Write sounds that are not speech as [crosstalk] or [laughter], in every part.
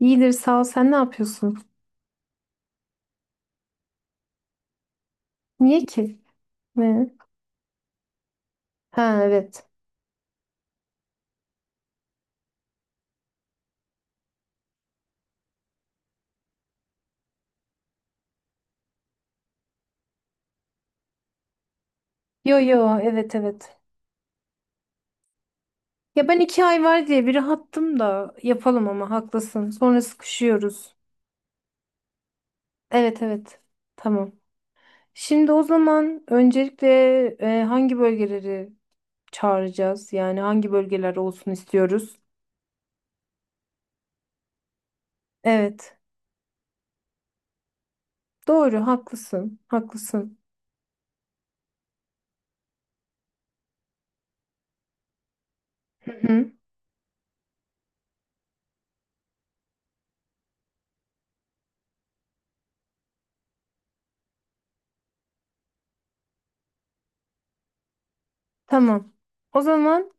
İyidir sağ ol. Sen ne yapıyorsun? Niye ki? Ne? Ha evet. Yo yo, evet evet. Ya ben 2 ay var diye bir rahattım da yapalım ama haklısın. Sonra sıkışıyoruz. Evet evet. Tamam. Şimdi o zaman öncelikle hangi bölgeleri çağıracağız? Yani hangi bölgeler olsun istiyoruz? Evet. Doğru haklısın. Haklısın. Hı hı. Tamam. O zaman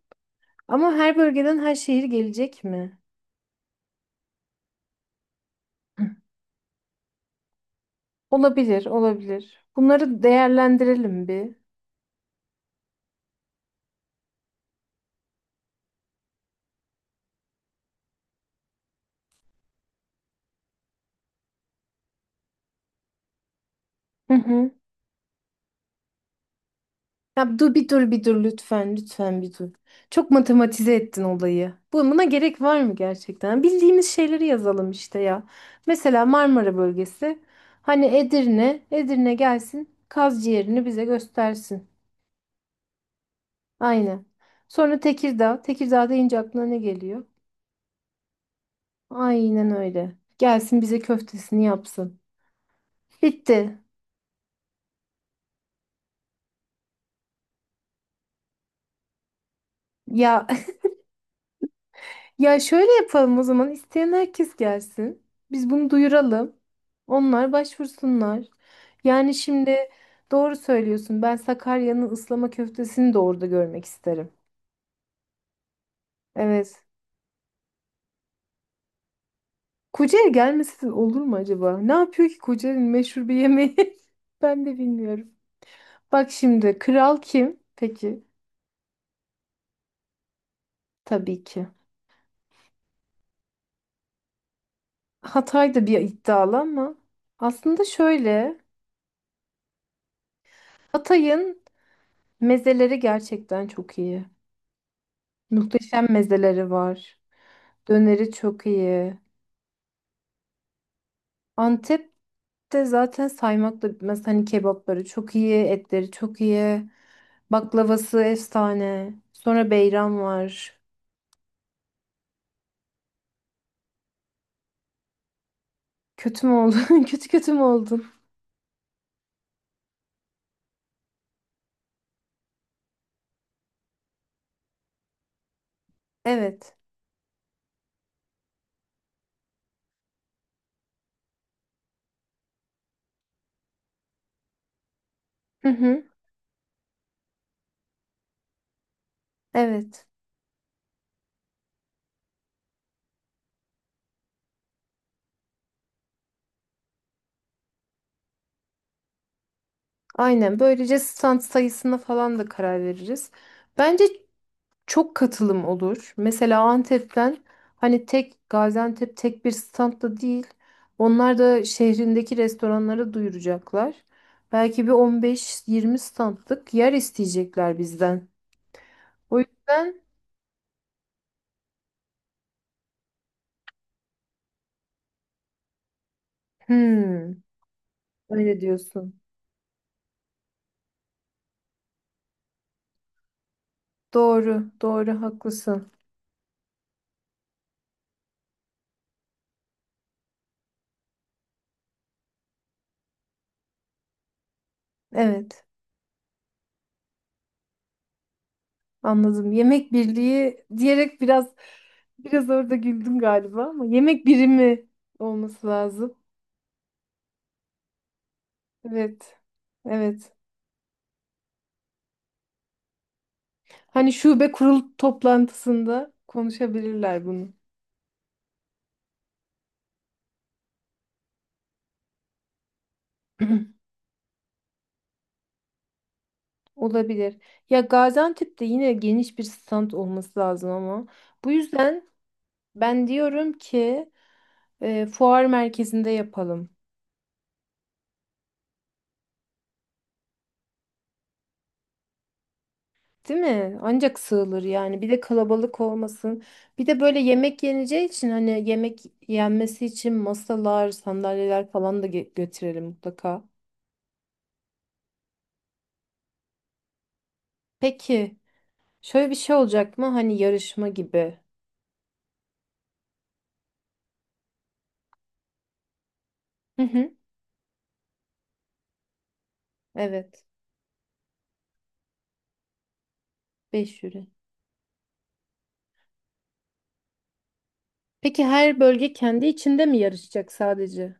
ama her bölgeden her şehir gelecek mi? Olabilir, olabilir. Bunları değerlendirelim bir. Hı hı. Ya dur bir dur bir dur lütfen, lütfen bir dur. Çok matematize ettin olayı. Buna gerek var mı gerçekten? Bildiğimiz şeyleri yazalım işte ya. Mesela Marmara bölgesi. Hani Edirne, Edirne gelsin, kaz ciğerini bize göstersin. Aynen. Sonra Tekirdağ, Tekirdağ deyince aklına ne geliyor? Aynen öyle. Gelsin bize köftesini yapsın. Bitti. Ya Ya şöyle yapalım o zaman. İsteyen herkes gelsin. Biz bunu duyuralım. Onlar başvursunlar. Yani şimdi doğru söylüyorsun. Ben Sakarya'nın ıslama köftesini de orada görmek isterim. Evet. Kocaeli gelmesi de olur mu acaba? Ne yapıyor ki Kocaeli'nin meşhur bir yemeği? [laughs] Ben de bilmiyorum. Bak şimdi kral kim? Peki tabii ki. Hatay da bir iddialı ama aslında şöyle. Hatay'ın mezeleri gerçekten çok iyi. Muhteşem mezeleri var. Döneri çok iyi. Antep'te zaten saymakla bitmez. Hani kebapları çok iyi, etleri çok iyi. Baklavası efsane. Sonra beyran var. Kötü mü oldun? [laughs] Kötü mü oldun? Evet. Hı hı. Evet. Aynen. Böylece stand sayısına falan da karar veririz. Bence çok katılım olur. Mesela Antep'ten hani tek Gaziantep tek bir standta değil. Onlar da şehrindeki restoranlara duyuracaklar. Belki bir 15-20 standlık yer isteyecekler bizden. O yüzden hmm, öyle diyorsun. Doğru, doğru haklısın. Evet, anladım. Yemek birliği diyerek biraz orada güldüm galiba ama yemek birimi olması lazım. Evet. Evet. Hani şube kurul toplantısında konuşabilirler bunu. [clears throat] Olabilir. Ya Gaziantep'te yine geniş bir stand olması lazım ama. Bu yüzden ben diyorum ki fuar merkezinde yapalım. Değil mi? Ancak sığılır yani. Bir de kalabalık olmasın. Bir de böyle yemek yeneceği için hani yemek yenmesi için masalar, sandalyeler falan da götürelim mutlaka. Peki şöyle bir şey olacak mı? Hani yarışma gibi. Hı hı. Evet. 5 euro. Peki her bölge kendi içinde mi yarışacak sadece?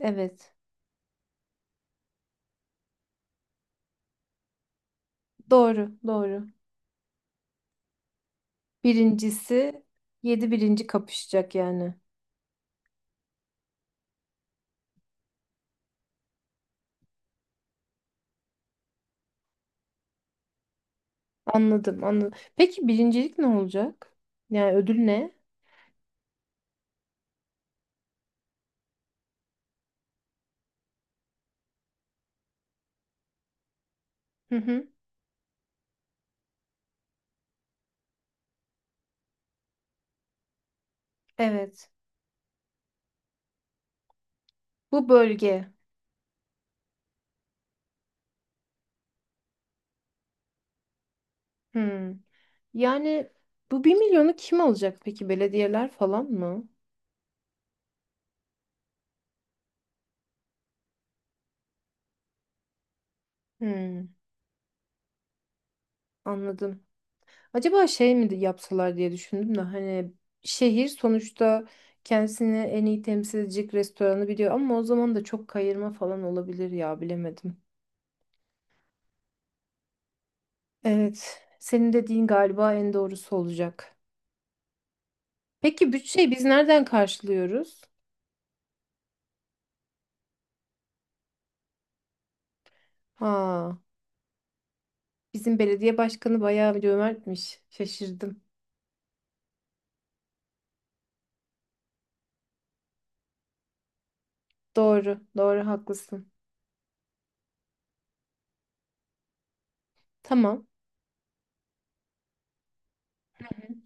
Evet. Doğru, doğru. Birincisi yedi birinci kapışacak yani. Anladım, anladım. Peki birincilik ne olacak? Yani ödül ne? Hı hı. Evet. Bu bölge. Hmm. Yani bu 1 milyonu kim alacak peki? Belediyeler falan mı? Hmm. Anladım. Acaba şey mi yapsalar diye düşündüm de hani şehir sonuçta kendisini en iyi temsil edecek restoranı biliyor ama o zaman da çok kayırma falan olabilir ya bilemedim. Evet, senin dediğin galiba en doğrusu olacak. Peki bütçeyi biz nereden karşılıyoruz? Ha, bizim belediye başkanı bayağı bir cömertmiş. Şaşırdım. Doğru, doğru haklısın. Tamam.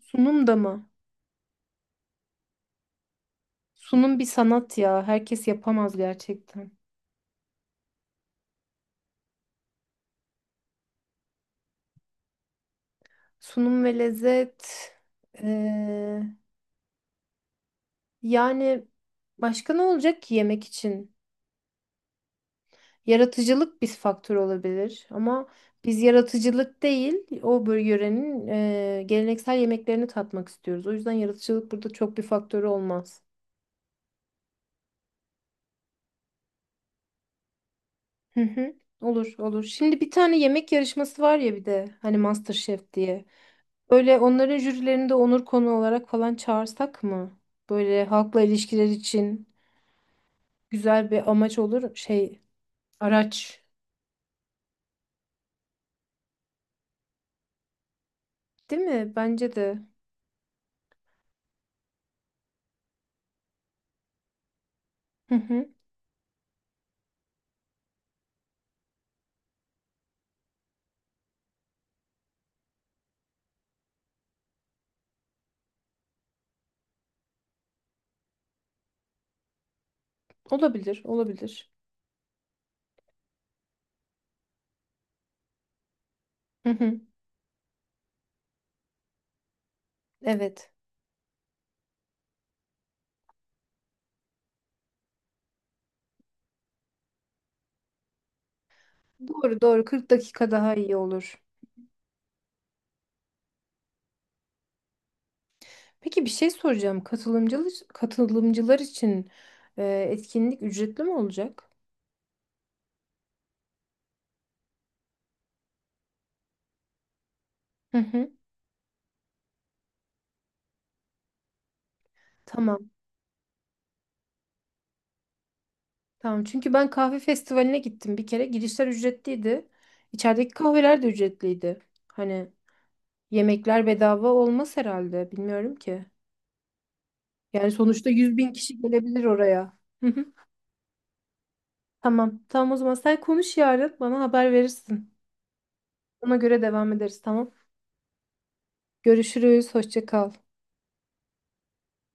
Sunum da mı? Sunum bir sanat ya. Herkes yapamaz gerçekten. Sunum ve lezzet. Ee, yani başka ne olacak ki yemek için? Yaratıcılık bir faktör olabilir ama biz yaratıcılık değil yörenin geleneksel yemeklerini tatmak istiyoruz. O yüzden yaratıcılık burada çok bir faktörü olmaz. Hı hı. Olur olur. Şimdi bir tane yemek yarışması var ya bir de hani MasterChef diye. Böyle onların jürilerini de onur konu olarak falan çağırsak mı? Böyle halkla ilişkiler için güzel bir amaç olur. Şey Araç. Değil mi? Bence de. Hı hı. Olabilir, olabilir. Hı hı. Evet. Doğru, doğru. 40 dakika daha iyi olur. Peki bir şey soracağım. Katılımcılar için e, etkinlik ücretli mi olacak? Hı hı. Tamam. Tamam. Çünkü ben kahve festivaline gittim bir kere. Girişler ücretliydi. İçerideki kahveler de ücretliydi. Hani yemekler bedava olmaz herhalde. Bilmiyorum ki. Yani sonuçta 100 bin kişi gelebilir oraya. [laughs] Tamam. Tamam o zaman sen konuş yarın bana haber verirsin. Ona göre devam ederiz tamam. Görüşürüz. Hoşça kal.